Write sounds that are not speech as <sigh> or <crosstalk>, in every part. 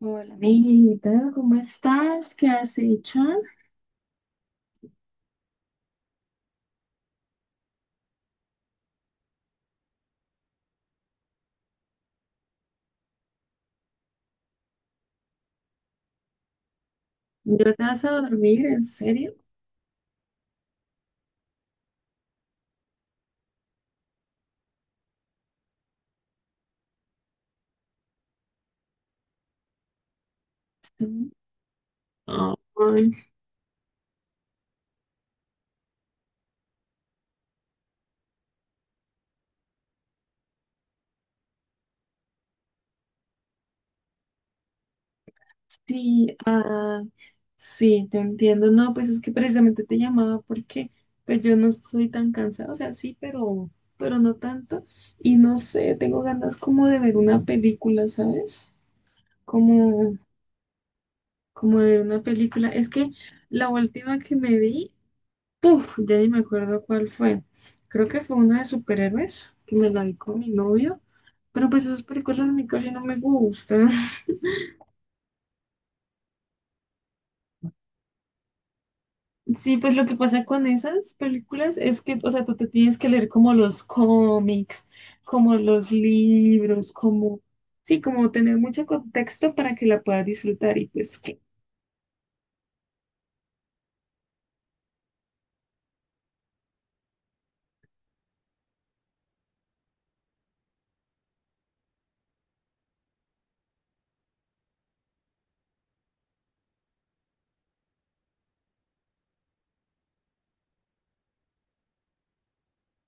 Hola, amiguita, ¿cómo estás? ¿Qué has hecho? ¿Ya te vas a dormir? ¿En serio? Sí. Ay, sí, ah, sí, te entiendo. No, pues es que precisamente te llamaba porque pues yo no estoy tan cansada, o sea, sí, pero no tanto. Y no sé, tengo ganas como de ver una película, ¿sabes? Como, como de ver una película. Es que la última que me vi, puf, ya ni me acuerdo cuál fue. Creo que fue una de superhéroes, que me la vi con mi novio. Pero pues esas películas a mí casi no me gustan. Sí, pues lo que pasa con esas películas es que, o sea, tú te tienes que leer como los cómics, como los libros, como, sí, como tener mucho contexto para que la puedas disfrutar y pues que...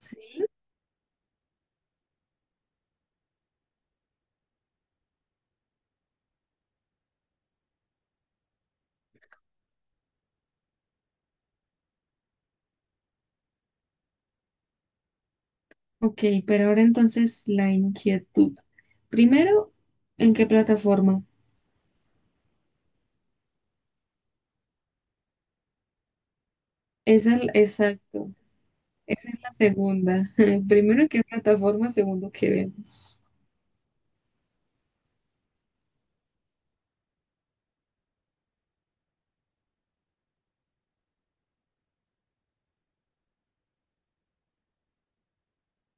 Sí. Ok, pero ahora entonces la inquietud. Primero, ¿en qué plataforma? Esa es, exacto, esa es la segunda. <laughs> Primero, ¿en qué plataforma? Segundo, ¿qué vemos?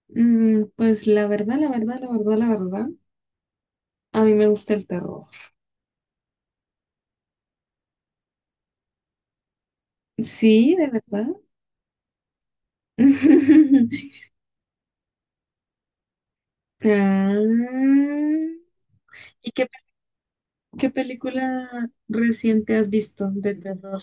Mm, pues la verdad, a mí me gusta el terror. Sí, de verdad. <laughs> Ah, ¿y qué, pe- ¿qué película reciente has visto de terror?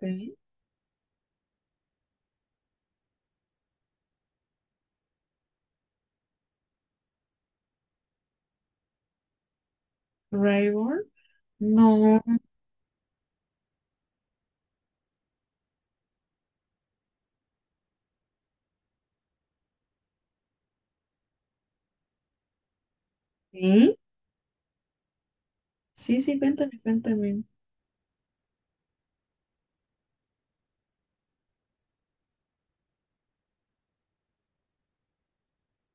¿Sí? ¿Rival? No. ¿Sí? Sí, sí, cuéntame, cuéntame.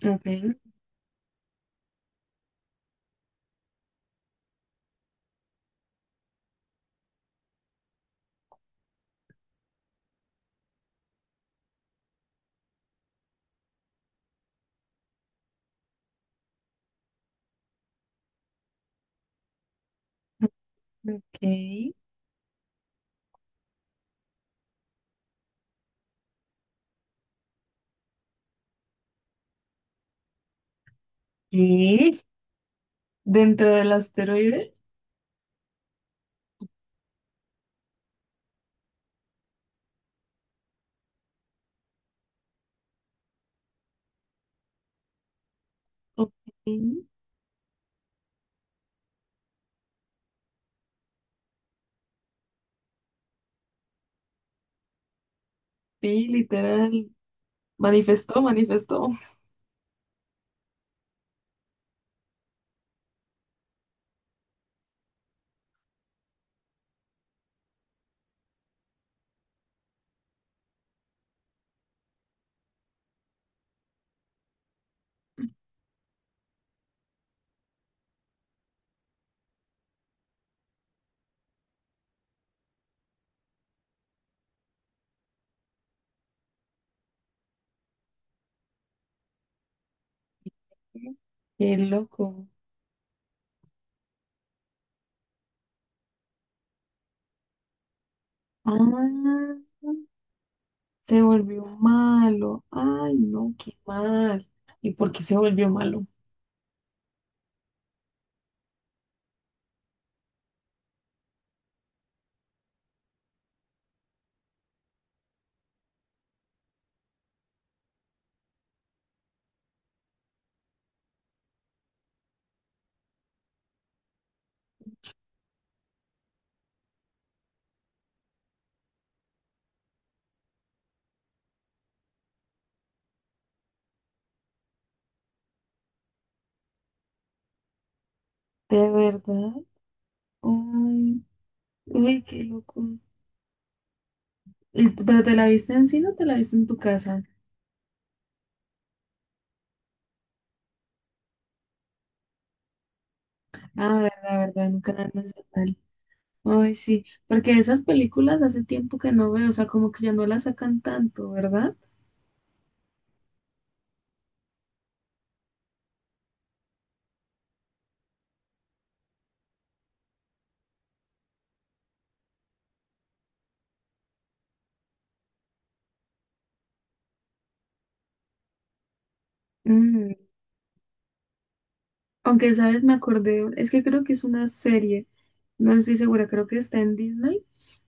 Ok, ok. ¿Qué? ¿Dentro del asteroide? Ok. Sí, literal. Manifestó, manifestó. Qué loco. Ah. Se volvió malo. Ay, no, qué mal. ¿Y por qué se volvió malo? ¿De verdad? Ay, uy, qué loco. ¿Pero te la viste en cine o te la viste en tu casa? Ah, verdad, verdad, en un canal nacional. Ay, sí, porque esas películas hace tiempo que no veo, o sea, como que ya no las sacan tanto, ¿verdad? Mm, aunque, ¿sabes? Me acordé, es que creo que es una serie, no estoy segura, creo que está en Disney,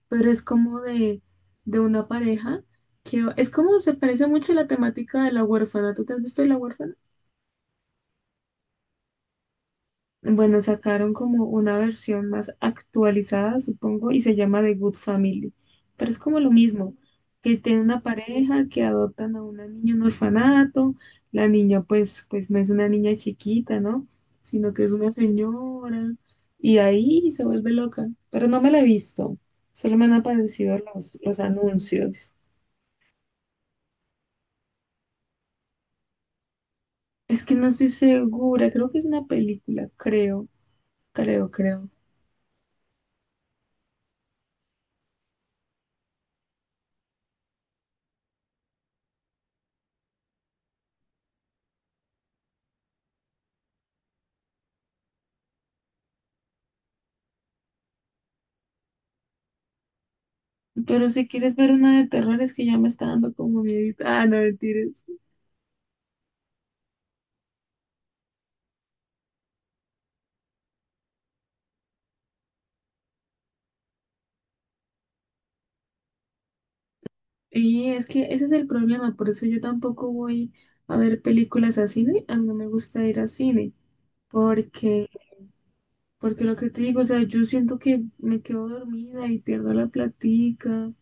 pero es como de una pareja que es como se parece mucho a la temática de La Huérfana. ¿Tú te has visto La Huérfana? Bueno, sacaron como una versión más actualizada, supongo, y se llama The Good Family. Pero es como lo mismo, que tiene una pareja que adoptan a una niña en un orfanato, la niña pues, pues no es una niña chiquita, ¿no? Sino que es una señora, y ahí se vuelve loca. Pero no me la he visto, solo me han aparecido los anuncios. Es que no estoy segura, creo que es una película, creo. Pero si quieres ver una de terror, es que ya me está dando como miedo. Ah, no, mentiras. Y es que ese es el problema, por eso yo tampoco voy a ver películas a cine, a mí no me gusta ir a cine, porque, porque lo que te digo, o sea, yo siento que me quedo dormida y pierdo la platica.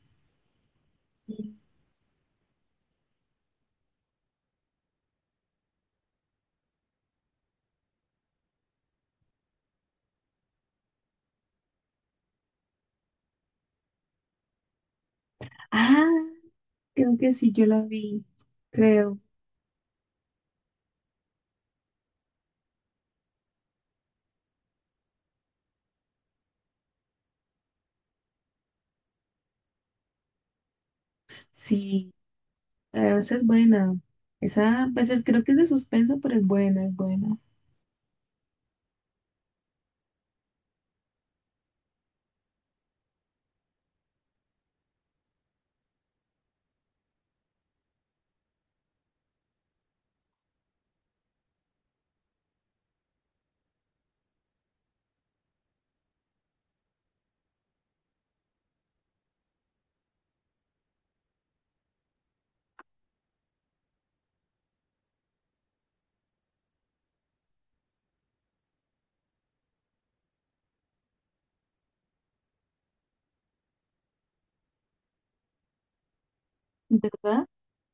Ah, creo que sí, yo la vi, creo, sí. Ah, esa es buena. Esa, pues es- creo que es de suspenso, pero es buena, es buena. ¿Verdad?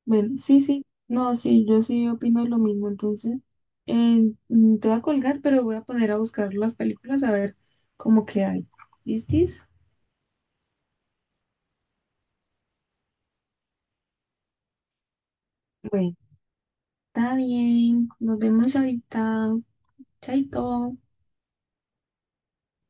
Bueno, sí, sí. No, sí, yo sí opino lo mismo. Entonces, te voy a colgar, pero voy a poner a buscar las películas a ver cómo que hay. ¿Listis? Bueno, está bien. Nos vemos ahorita. Chaito.